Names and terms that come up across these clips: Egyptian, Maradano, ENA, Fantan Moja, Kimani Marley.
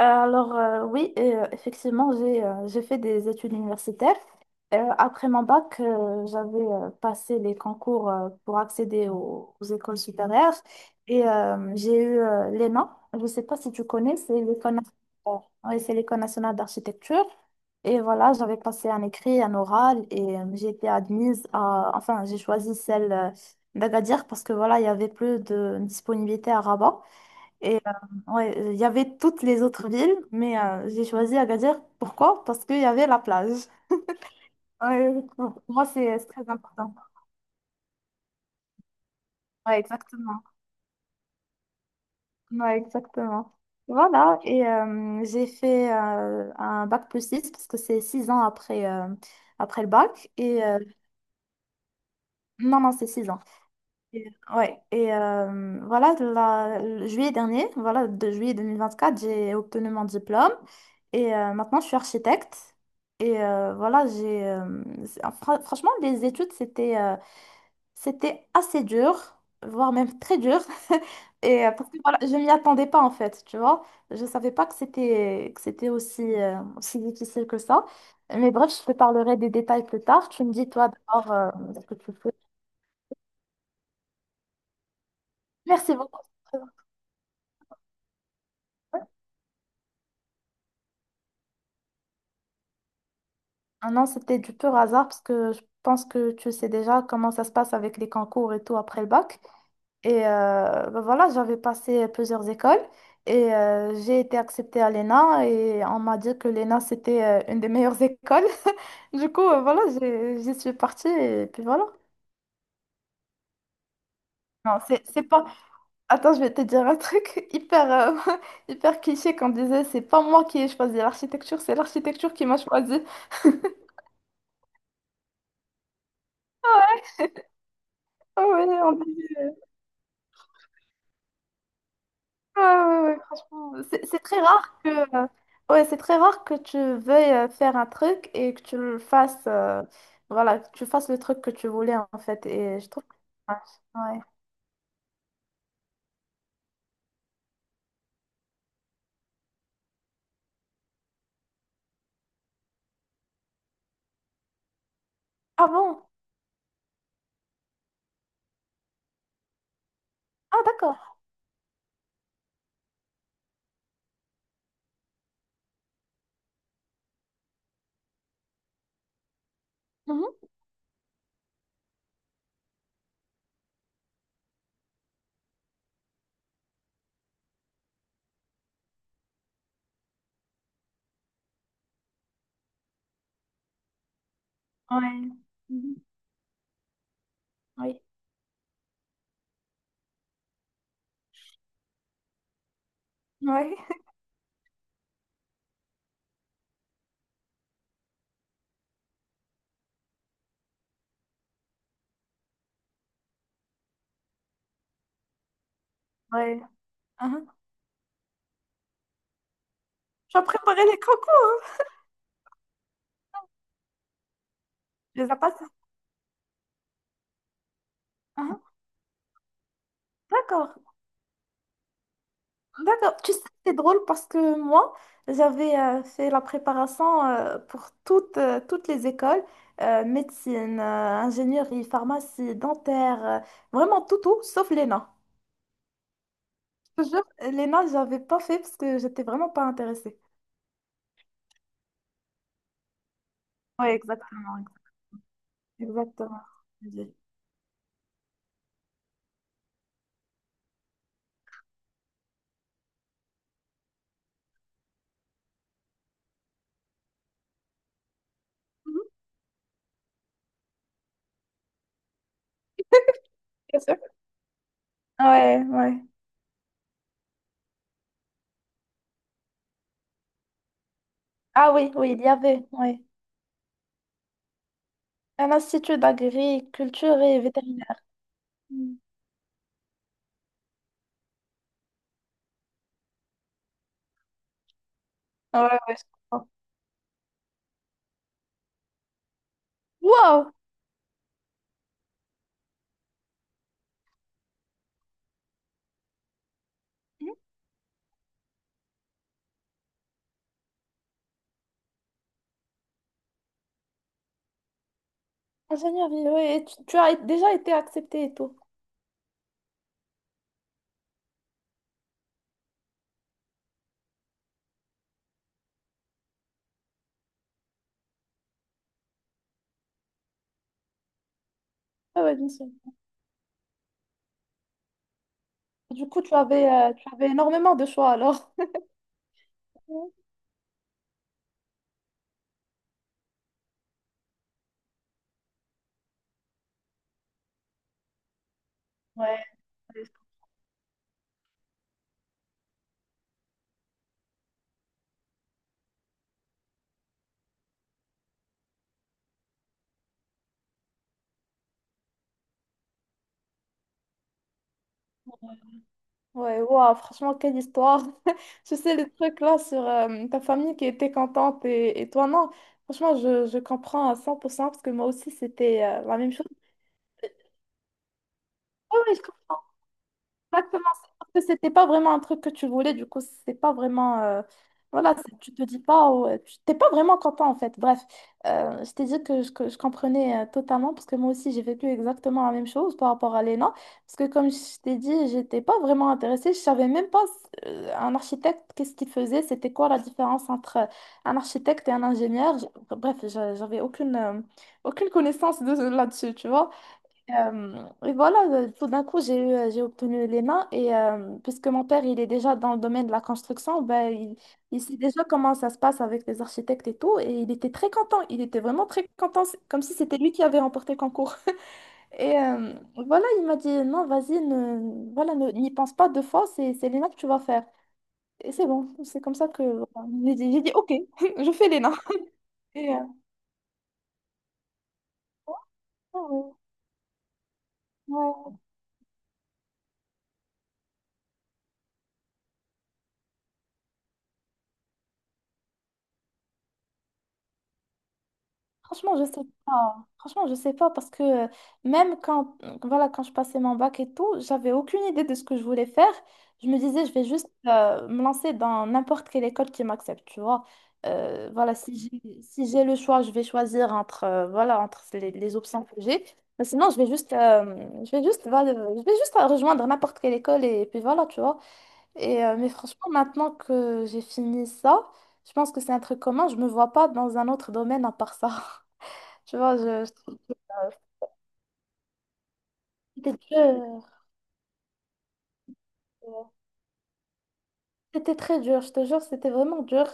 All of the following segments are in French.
Alors oui, effectivement, j'ai fait des études universitaires. Après mon bac, j'avais passé les concours pour accéder aux écoles supérieures et j'ai eu l'ENA. Je ne sais pas si tu connais, c'est l'École nationale, oui, c'est l'École nationale d'architecture. Et voilà, j'avais passé un écrit, un oral et j'ai été admise à, enfin, j'ai choisi celle d'Agadir parce que voilà, il y avait plus de disponibilité à Rabat. Et ouais, il y avait toutes les autres villes, mais j'ai choisi Agadir. Pourquoi? Parce qu'il y avait la plage. Ouais, pour moi, c'est très important. Ouais, exactement. Ouais, exactement. Voilà, et j'ai fait un bac+6 parce que c'est 6 ans après, après le bac. Et non, non, c'est 6 ans. Et- Ouais, et voilà, le juillet dernier, voilà, de juillet 2024, j'ai obtenu mon diplôme et maintenant je suis architecte. Et voilà, franchement, les études, c'était assez dur, voire même très dur. Et parce que voilà, je m'y attendais pas en fait, tu vois. Je savais pas que c'était aussi difficile que ça. Mais bref, je te parlerai des détails plus tard. Tu me dis, toi, d'abord, ce que tu fais. Merci beaucoup. Ah non, c'était du pur hasard parce que je pense que tu sais déjà comment ça se passe avec les concours et tout après le bac. Et ben voilà, j'avais passé plusieurs écoles et j'ai été acceptée à l'ENA et on m'a dit que l'ENA c'était une des meilleures écoles. Du coup, voilà, j'y suis partie et puis voilà. Non, c'est pas. Attends, je vais te dire un truc hyper cliché qu'on disait, c'est pas moi qui ai choisi l'architecture, c'est l'architecture qui m'a choisi. Ah ouais, on ouais, ouais, ouais, franchement, c'est très rare que, euh, ouais, c'est très rare que tu veuilles faire un truc et que tu le fasses, voilà, que tu fasses le truc que tu voulais en fait. Et je trouve que ça marche. Ouais. Ah bon? Ah d'accord. Mhm. Ouais. Mhm. Oui. Ouais. Ouais. Mhm. Tu as préparé les concours, tu les as passés. Mhm. D'accord. D'accord. Tu sais, c'est drôle parce que moi, j'avais fait la préparation pour toutes les écoles, médecine, ingénierie, pharmacie, dentaire, vraiment tout, tout, sauf l'ENA. Je te jure, l'ENA, j'avais pas fait parce que j'étais vraiment pas intéressée. Ouais, exactement, exactement. Mhm, bien sûr. Ouais, ouais. Ah oui, oui, il y avait, ouais. Un institut d'agriculture et vétérinaire. Mm. Ouais, ouais, je comprends. Wow! Ingénierie, oui, oui, et tu as déjà été accepté et tout. Ah ouais, bien sûr. Du coup, tu avais énormément de choix alors. Ouais, ouais, wow, franchement, quelle histoire. Je sais les trucs là sur ta famille qui était contente et toi non. Franchement, je comprends à 100% parce que moi aussi, c'était la même chose. Ah ouais, je comprends. Exactement, c'est parce que c'était pas vraiment un truc que tu voulais, du coup, c'est pas vraiment, voilà, tu te dis pas, oh, tu t'es pas vraiment content en fait. Bref, je t'ai dit que je comprenais totalement, parce que moi aussi j'ai vécu exactement la même chose par rapport à l'ENA. Parce que comme je t'ai dit, j'étais pas vraiment intéressée, je savais même pas un architecte, qu'est-ce qu'il faisait, c'était quoi la différence entre un architecte et un ingénieur. Bref, j'avais aucune connaissance de là-dessus, tu vois. Et voilà, tout d'un coup, j'ai obtenu les mains et puisque mon père, il est déjà dans le domaine de la construction, ben, il sait déjà comment ça se passe avec les architectes et tout et il était très content, il était vraiment très content, c'est comme si c'était lui qui avait remporté le concours. Et voilà, il m'a dit, non, vas-y, ne, voilà, ne- n'y pense pas deux fois, c'est l'ENA que tu vas faire. Et c'est bon, c'est comme ça que voilà, j'ai dit, ok, je fais l'ENA. Et, euh, ah ouais, ouais. Franchement, je sais pas. Franchement, je sais pas parce que voilà, quand je passais mon bac et tout, j'avais aucune idée de ce que je voulais faire. Je me disais, je vais juste me lancer dans n'importe quelle école qui m'accepte, tu vois. Voilà, si j'ai le choix, je vais choisir entre les options que j'ai. Mais sinon, je vais juste rejoindre n'importe quelle école et, puis voilà, tu vois. Mais franchement, maintenant que j'ai fini ça, je pense que c'est un truc commun. Je me vois pas dans un autre domaine à part ça. Tu vois, c'était dur. C'était très dur, je te jure, c'était vraiment dur.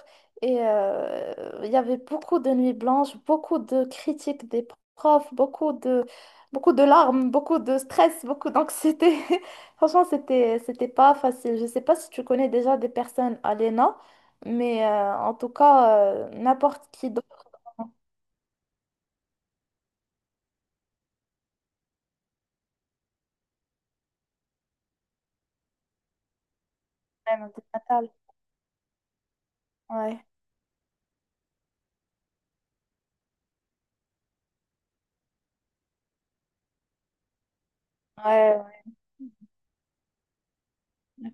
Et il y avait beaucoup de nuits blanches, beaucoup de critiques des profs, beaucoup de larmes, beaucoup de stress, beaucoup d'anxiété. Franchement, c'était pas facile. Je sais pas si tu connais déjà des personnes à l'ENA, mais en tout cas, n'importe qui d'autre. Dans le domaine. Ouais, ouais, ouais.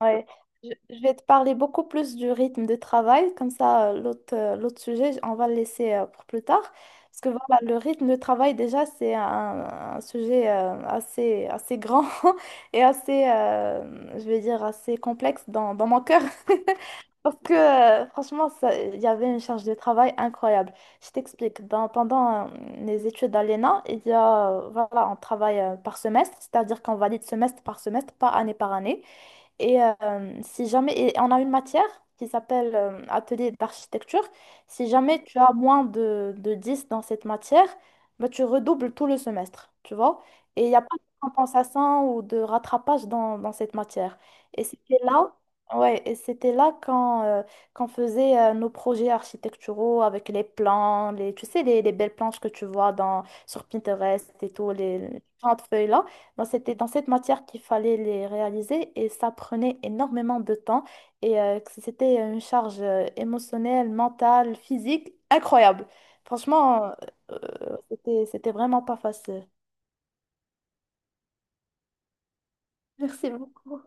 Ouais. Je vais te parler beaucoup plus du rythme de travail, comme ça l'autre sujet, on va le laisser pour plus tard. Parce que voilà, le rythme de travail, déjà, c'est un sujet assez grand et je vais dire, assez complexe dans mon cœur. Parce que franchement, il y avait une charge de travail incroyable. Je t'explique. Pendant les études à l'ENA, voilà, on travaille par semestre, c'est-à-dire qu'on valide semestre par semestre, pas année par année. Et si jamais, et on a une matière qui s'appelle atelier d'architecture. Si jamais tu as moins de 10 dans cette matière, bah, tu redoubles tout le semestre, tu vois. Et il n'y a pas de compensation ou de rattrapage dans cette matière. Et c'était là, ouais, et c'était là qu'on faisait nos projets architecturaux avec les plans, tu sais, les belles planches que tu vois sur Pinterest et tout, les grandes feuilles là. Moi, c'était dans cette matière qu'il fallait les réaliser et ça prenait énormément de temps et que c'était une charge émotionnelle, mentale, physique incroyable. Franchement, c'était vraiment pas facile. Merci beaucoup.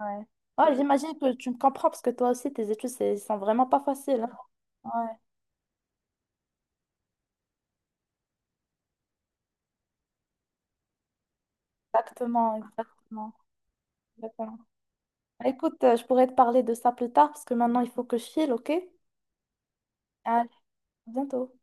Ouais. Ouais, j'imagine que tu me comprends parce que toi aussi, tes études, sont vraiment pas faciles, hein. Ouais, exactement, exactement, exactement. Écoute, je pourrais te parler de ça plus tard parce que maintenant, il faut que je file, ok? À bientôt.